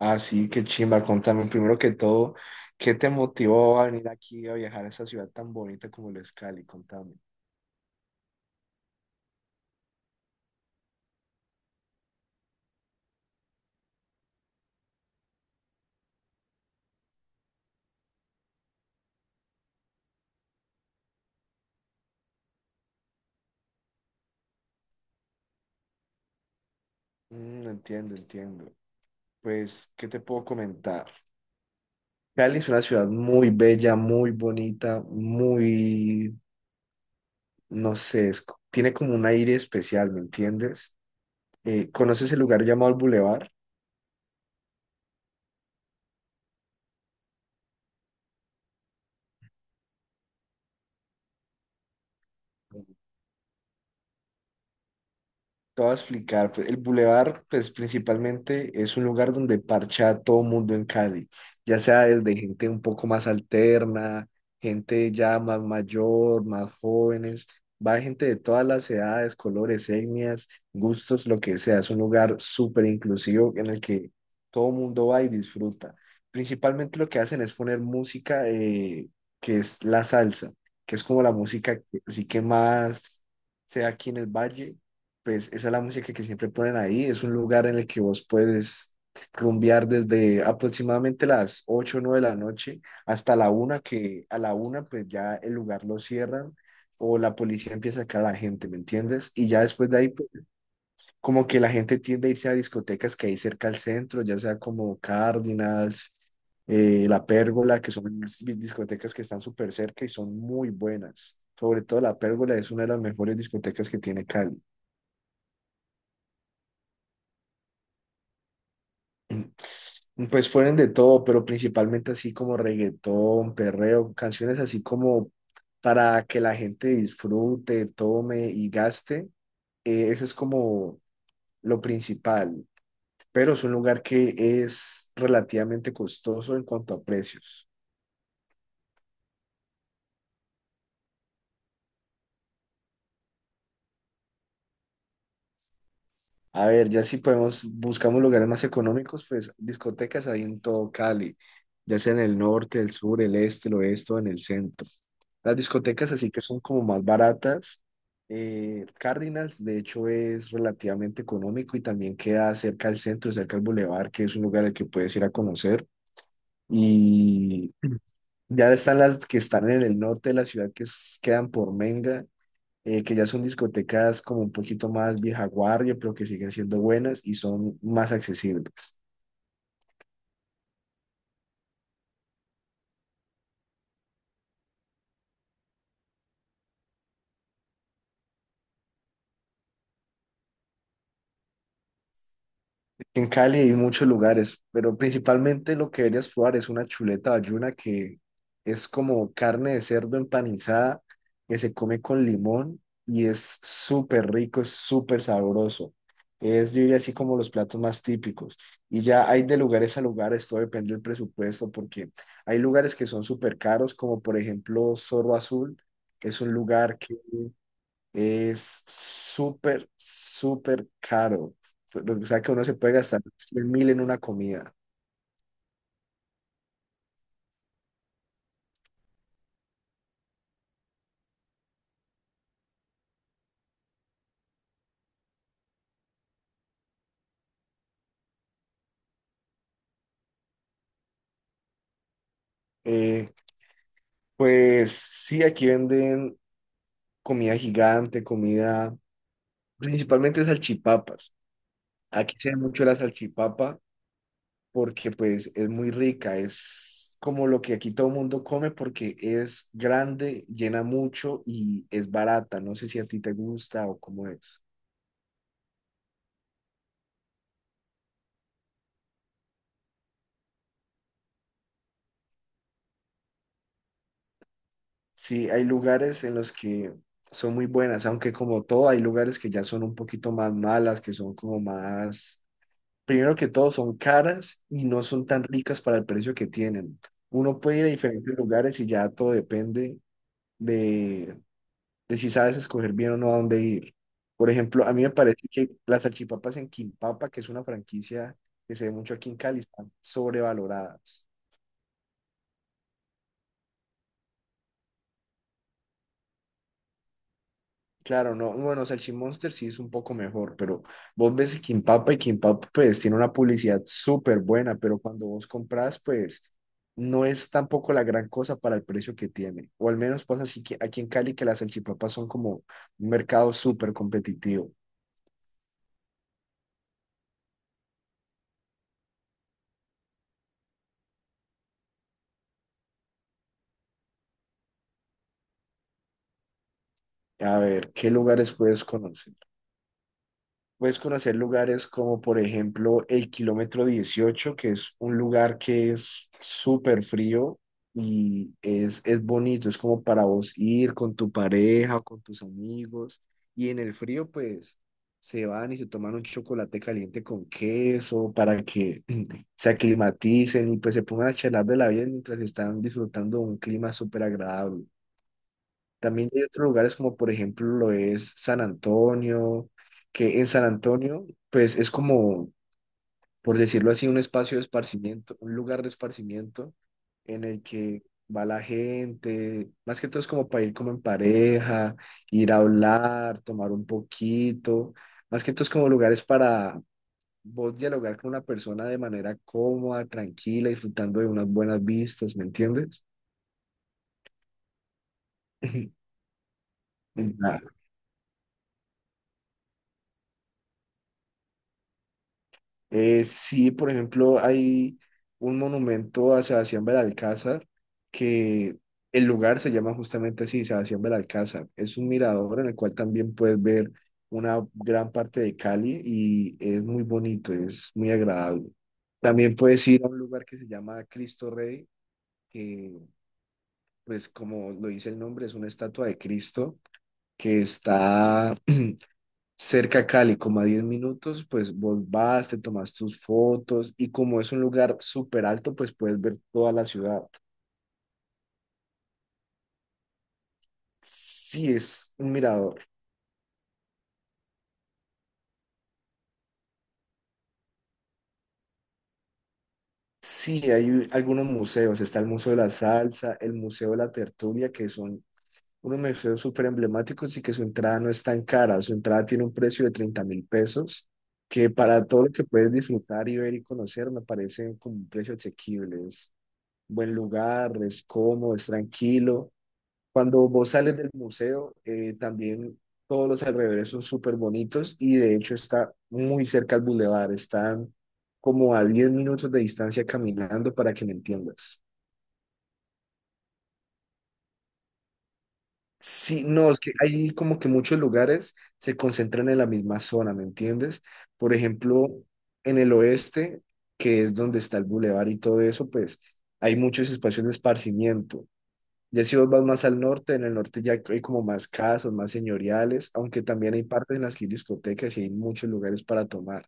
Ah, sí, qué chimba. Contame primero que todo, ¿qué te motivó a venir aquí a viajar a esta ciudad tan bonita como lo es Cali? Contame. Entiendo. Pues, ¿qué te puedo comentar? Cali es una ciudad muy bella, muy bonita, muy, no sé, tiene como un aire especial, ¿me entiendes? ¿Conoces el lugar llamado el Boulevard? Te voy a explicar, pues, el bulevar pues principalmente es un lugar donde parcha a todo mundo en Cali, ya sea desde gente un poco más alterna, gente ya más mayor, más jóvenes, va gente de todas las edades, colores, etnias, gustos, lo que sea. Es un lugar súper inclusivo en el que todo mundo va y disfruta. Principalmente lo que hacen es poner música que es la salsa, que es como la música que, así que más sea aquí en el valle, pues esa es la música que siempre ponen ahí. Es un lugar en el que vos puedes rumbear desde aproximadamente las 8 o 9 de la noche hasta la una, que a la una pues ya el lugar lo cierran o la policía empieza a sacar a la gente, ¿me entiendes? Y ya después de ahí, pues, como que la gente tiende a irse a discotecas que hay cerca al centro, ya sea como Cardinals, La Pérgola, que son discotecas que están súper cerca y son muy buenas. Sobre todo La Pérgola es una de las mejores discotecas que tiene Cali. Pues fueron de todo, pero principalmente así como reggaetón, perreo, canciones así como para que la gente disfrute, tome y gaste. Eso es como lo principal, pero es un lugar que es relativamente costoso en cuanto a precios. A ver, ya si podemos, buscamos lugares más económicos, pues discotecas hay en todo Cali, ya sea en el norte, el sur, el este, el oeste o en el centro. Las discotecas así que son como más baratas. Cárdenas, de hecho, es relativamente económico y también queda cerca al centro, cerca al bulevar, que es un lugar al que puedes ir a conocer. Y ya están las que están en el norte de la ciudad, quedan por Menga, que ya son discotecas como un poquito más vieja guardia, pero que siguen siendo buenas y son más accesibles. En Cali hay muchos lugares, pero principalmente lo que deberías probar es una chuleta bayuna, que es como carne de cerdo empanizada que se come con limón y es súper rico, es súper sabroso. Es, yo diría, así como los platos más típicos. Y ya hay de lugares a lugares, todo depende del presupuesto, porque hay lugares que son súper caros, como por ejemplo Zorro Azul, es un lugar que es súper, súper caro. O sea que uno se puede gastar 100 mil en una comida. Eh, pues sí, aquí venden comida gigante, comida, principalmente salchipapas. Aquí se ve mucho la salchipapa porque pues es muy rica, es como lo que aquí todo el mundo come porque es grande, llena mucho y es barata. No sé si a ti te gusta o cómo es. Sí, hay lugares en los que son muy buenas, aunque como todo hay lugares que ya son un poquito más malas, que son como más, primero que todo son caras y no son tan ricas para el precio que tienen. Uno puede ir a diferentes lugares y ya todo depende de, de si sabes escoger bien o no a dónde ir. Por ejemplo, a mí me parece que las salchipapas en Quimpapa, que es una franquicia que se ve mucho aquí en Cali, están sobrevaloradas. Claro, no, bueno, Salchimonster sí es un poco mejor, pero vos ves Kimpapa y Kimpapa pues tiene una publicidad súper buena, pero cuando vos compras pues no es tampoco la gran cosa para el precio que tiene, o al menos pasa así que aquí en Cali que las salchipapas son como un mercado súper competitivo. A ver, ¿qué lugares puedes conocer? Puedes conocer lugares como, por ejemplo, el kilómetro 18, que es un lugar que es súper frío y es bonito, es como para vos ir con tu pareja, con tus amigos. Y en el frío, pues, se van y se toman un chocolate caliente con queso para que se aclimaticen y pues se pongan a charlar de la vida mientras están disfrutando de un clima súper agradable. También hay otros lugares como por ejemplo lo es San Antonio, que en San Antonio pues es como, por decirlo así, un espacio de esparcimiento, un lugar de esparcimiento en el que va la gente, más que todo es como para ir como en pareja, ir a hablar, tomar un poquito, más que todo es como lugares para vos dialogar con una persona de manera cómoda, tranquila, disfrutando de unas buenas vistas, ¿me entiendes? Ya. Sí, por ejemplo, hay un monumento a Sebastián Belalcázar, que el lugar se llama justamente así, Sebastián Belalcázar. Es un mirador en el cual también puedes ver una gran parte de Cali y es muy bonito, es muy agradable. También puedes ir a un lugar que se llama Cristo Rey, que pues como lo dice el nombre, es una estatua de Cristo que está cerca a Cali, como a 10 minutos, pues vos vas, te tomas tus fotos y como es un lugar súper alto, pues puedes ver toda la ciudad. Sí, es un mirador. Sí, hay algunos museos. Está el Museo de la Salsa, el Museo de la Tertulia, que son unos museos súper emblemáticos y que su entrada no es tan cara. Su entrada tiene un precio de 30.000 pesos, que para todo lo que puedes disfrutar y ver y conocer me parece como un precio asequible. Es buen lugar, es cómodo, es tranquilo. Cuando vos sales del museo, también todos los alrededores son súper bonitos y de hecho está muy cerca al bulevar, están como a 10 minutos de distancia caminando, para que me entiendas. Sí, no, es que hay como que muchos lugares se concentran en la misma zona, ¿me entiendes? Por ejemplo, en el oeste, que es donde está el bulevar y todo eso, pues hay muchos espacios de esparcimiento. Ya si vos vas más al norte, en el norte ya hay como más casas, más señoriales, aunque también hay partes en las que hay discotecas y hay muchos lugares para tomar.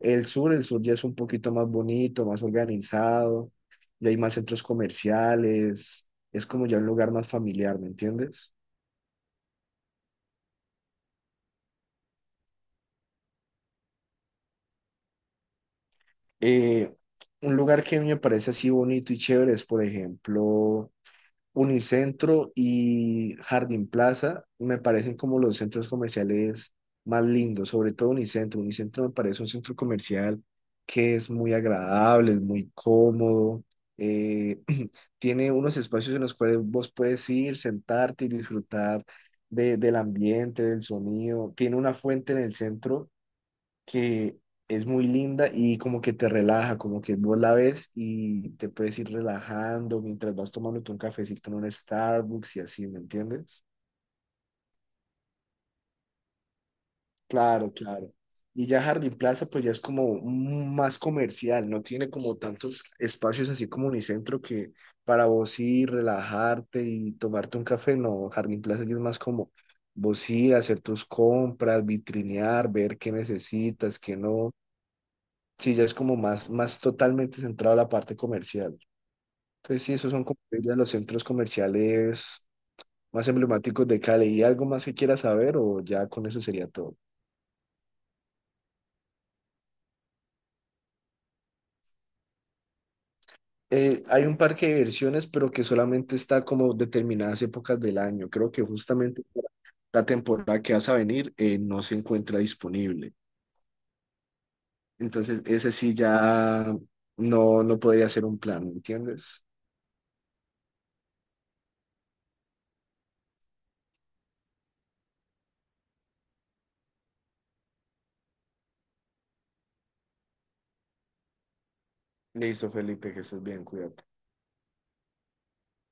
El sur ya es un poquito más bonito, más organizado, ya hay más centros comerciales, es como ya un lugar más familiar, ¿me entiendes? Eh, un lugar que a mí me parece así bonito y chévere es, por ejemplo, Unicentro y Jardín Plaza, me parecen como los centros comerciales más lindos, sobre todo Unicentro. Unicentro me parece un centro comercial que es muy agradable, es muy cómodo, eh, tiene unos espacios en los cuales vos puedes ir, sentarte y disfrutar del ambiente, del sonido. Tiene una fuente en el centro que es muy linda y como que te relaja, como que vos la ves y te puedes ir relajando mientras vas tomándote un cafecito en un Starbucks y así, ¿me entiendes? Claro, claro. Y ya Harlem Plaza pues ya es como más comercial, no tiene como tantos espacios así como Unicentro que para vos ir, relajarte y tomarte un café, no, Harlem Plaza ya es más como vos ir, hacer tus compras, vitrinear, ver qué necesitas, qué no. Sí, ya es como más, más totalmente centrado a la parte comercial. Entonces, sí, esos son como yo diría, los centros comerciales más emblemáticos de Cali. ¿Y algo más que quieras saber o ya con eso sería todo? Hay un parque de diversiones, pero que solamente está como determinadas épocas del año. Creo que justamente para la temporada que vas a venir no se encuentra disponible. Entonces, ese sí ya no, no podría ser un plan, ¿me entiendes? Listo, Felipe, que estés bien, cuídate.